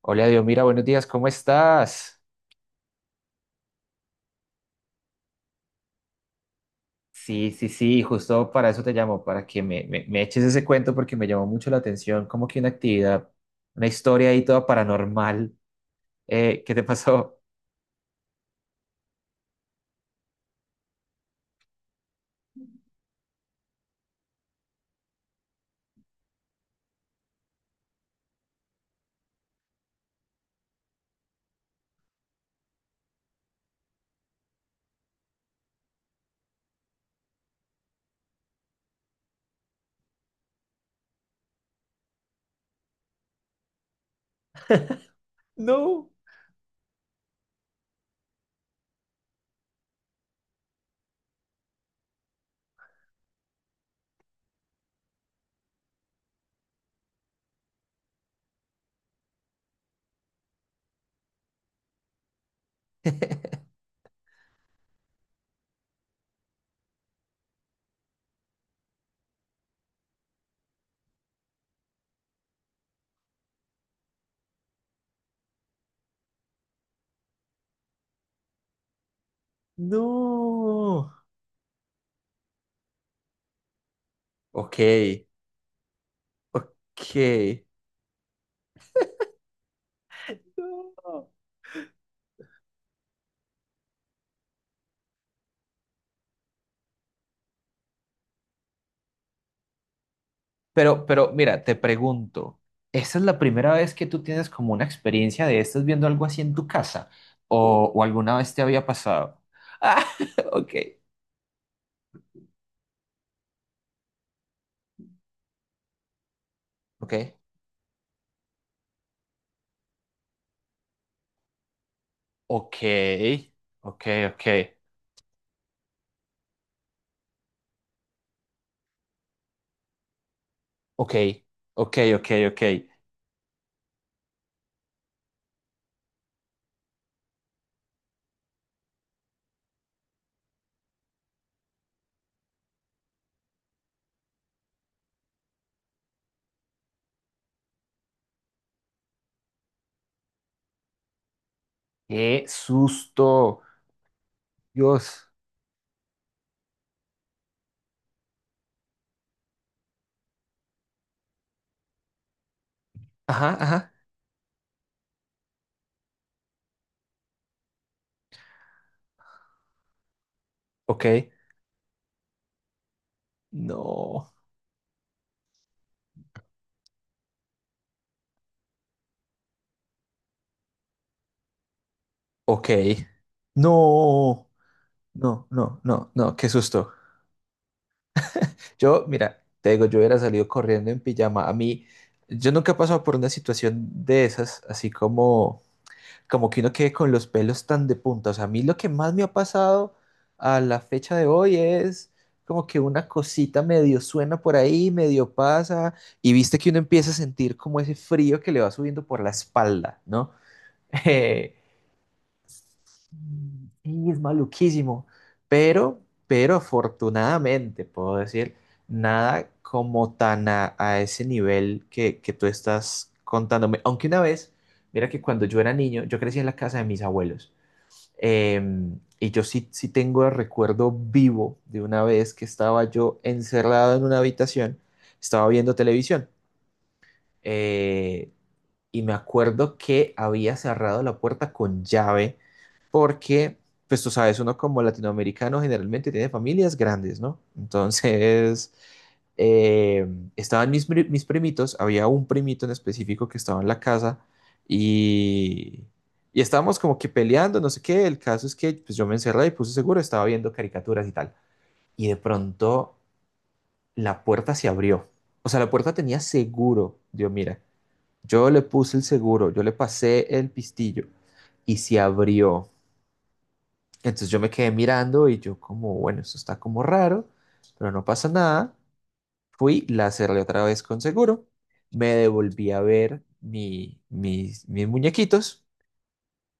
Hola, Dios, mira, buenos días, ¿cómo estás? Sí, sí, sí, justo para eso te llamo, para que me eches ese cuento porque me llamó mucho la atención, como que una actividad, una historia ahí toda paranormal. ¿Qué te pasó? No, no. Ok, ok. No. Pero mira, te pregunto, ¿esta es la primera vez que tú tienes como una experiencia de estás viendo algo así en tu casa? O alguna vez te había pasado? Ah, ok, ok. Ok, ok, ok, ok, ok, ok, ok. Qué susto. Dios. Ajá, ajá. Ok. No. Ok. No. No, no, no, no. Qué susto. Yo, mira, te digo, yo hubiera salido corriendo en pijama. A mí, yo nunca he pasado por una situación de esas, así como como que uno quede con los pelos tan de punta. O sea, a mí lo que más me ha pasado a la fecha de hoy es como que una cosita medio suena por ahí, medio pasa, y viste que uno empieza a sentir como ese frío que le va subiendo por la espalda, ¿no? Sí, es maluquísimo. Pero, pero afortunadamente, puedo decir, nada como tan a ese nivel que tú estás contándome. Aunque una vez, mira que cuando yo era niño, yo crecí en la casa de mis abuelos. Y yo sí, sí tengo el recuerdo vivo de una vez que estaba yo encerrado en una habitación, estaba viendo televisión. Eh, y me acuerdo que había cerrado la puerta con llave porque, pues tú sabes, uno como latinoamericano generalmente tiene familias grandes, ¿no? Entonces, eh, estaban mis primitos, había un primito en específico que estaba en la casa y, y estábamos como que peleando, no sé qué, el caso es que pues yo me encerré y puse seguro, estaba viendo caricaturas y tal. Y de pronto la puerta se abrió, o sea, la puerta tenía seguro, Dios mira. Yo le puse el seguro, yo le pasé el pistillo y se abrió. Entonces yo me quedé mirando y yo como, bueno, esto está como raro, pero no pasa nada. Fui, la cerré otra vez con seguro, me devolví a ver mis muñequitos,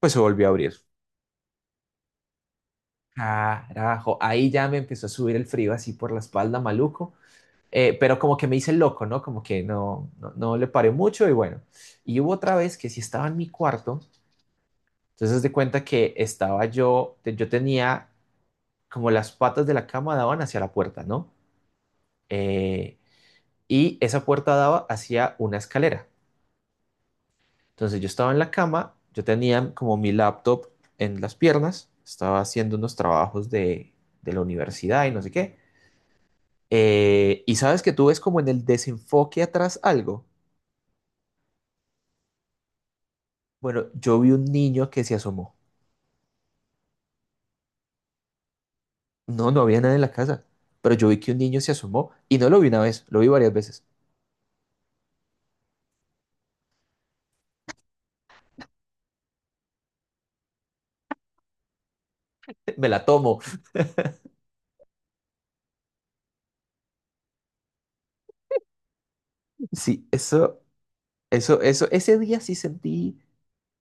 pues se volvió a abrir. Carajo, ahí ya me empezó a subir el frío así por la espalda, maluco. Pero como que me hice el loco, ¿no? Como que no, no, no le paré mucho y bueno. Y hubo otra vez que sí estaba en mi cuarto. Entonces haz de cuenta que estaba yo tenía como las patas de la cama daban hacia la puerta, ¿no? Eh, y esa puerta daba hacia una escalera. Entonces yo estaba en la cama, yo tenía como mi laptop en las piernas, estaba haciendo unos trabajos de la universidad y no sé qué. Y sabes que tú ves como en el desenfoque atrás algo. Bueno, yo vi un niño que se asomó. No, no había nadie en la casa, pero yo vi que un niño se asomó y no lo vi una vez, lo vi varias veces. Me la tomo. Sí, eso, ese día sí sentí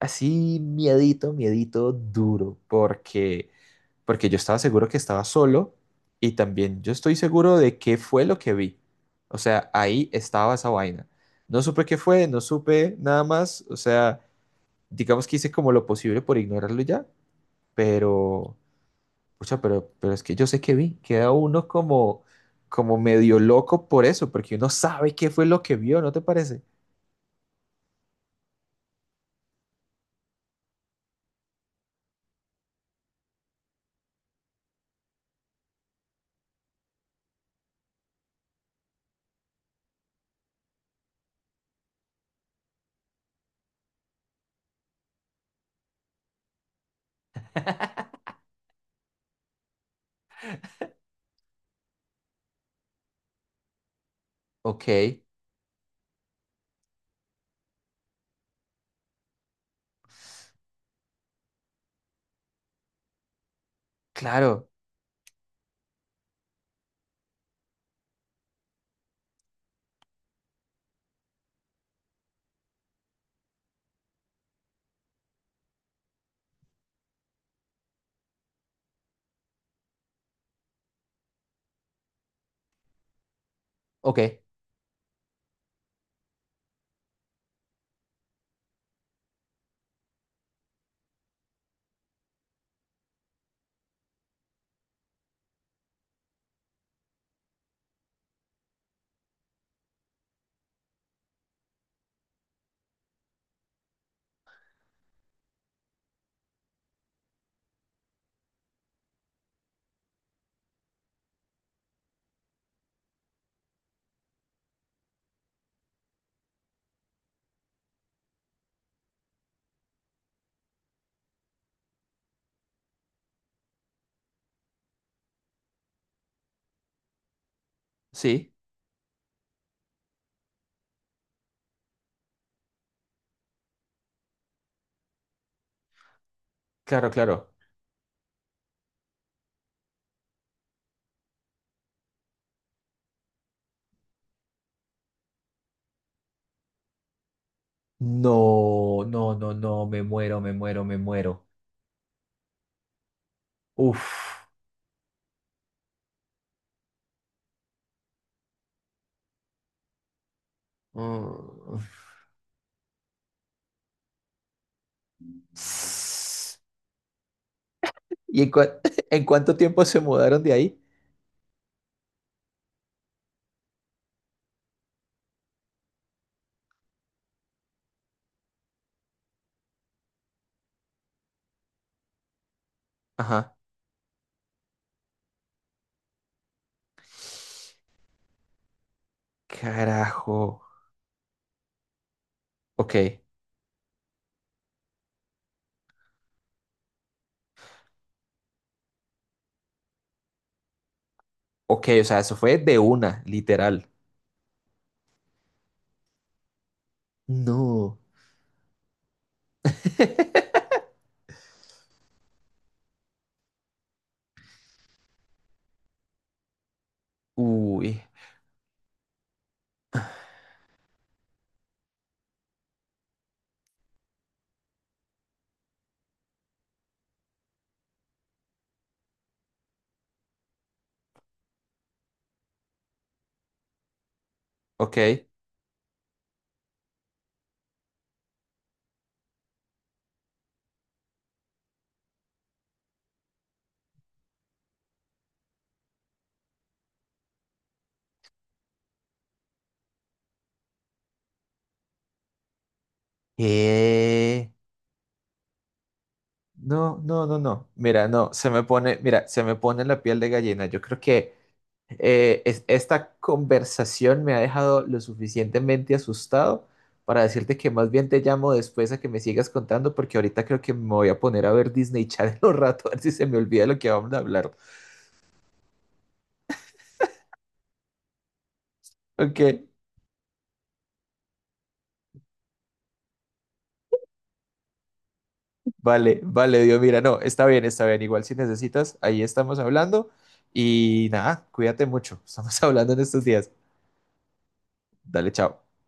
así miedito, miedito duro, porque, porque yo estaba seguro que estaba solo y también yo estoy seguro de qué fue lo que vi. O sea, ahí estaba esa vaina. No supe qué fue, no supe nada más, o sea, digamos que hice como lo posible por ignorarlo ya, pero, pucha, pero es que yo sé que vi, queda uno como, como medio loco por eso, porque uno sabe qué fue lo que vio, ¿no te parece? Ok. Claro, ok, sí, claro, claro. No, no, no, no, me muero, me muero, me muero. Uf. Mm. Sss. ¿Y en, en cuánto tiempo se mudaron de ahí? Ajá. Carajo. Ok, ok, o sea, eso fue de una, literal. No. Uy, ok. ¿Qué? No, no, no, no. Mira, no, se me pone, mira, se me pone la piel de gallina. Yo creo que esta conversación me ha dejado lo suficientemente asustado para decirte que más bien te llamo después a que me sigas contando, porque ahorita creo que me voy a poner a ver Disney Channel un rato, a ver si se me olvida lo que vamos a hablar. Ok, vale, vale, Dios, mira, no, está bien, está bien. Igual si necesitas, ahí estamos hablando. Y nada, cuídate mucho. Estamos hablando en estos días. Dale, chao.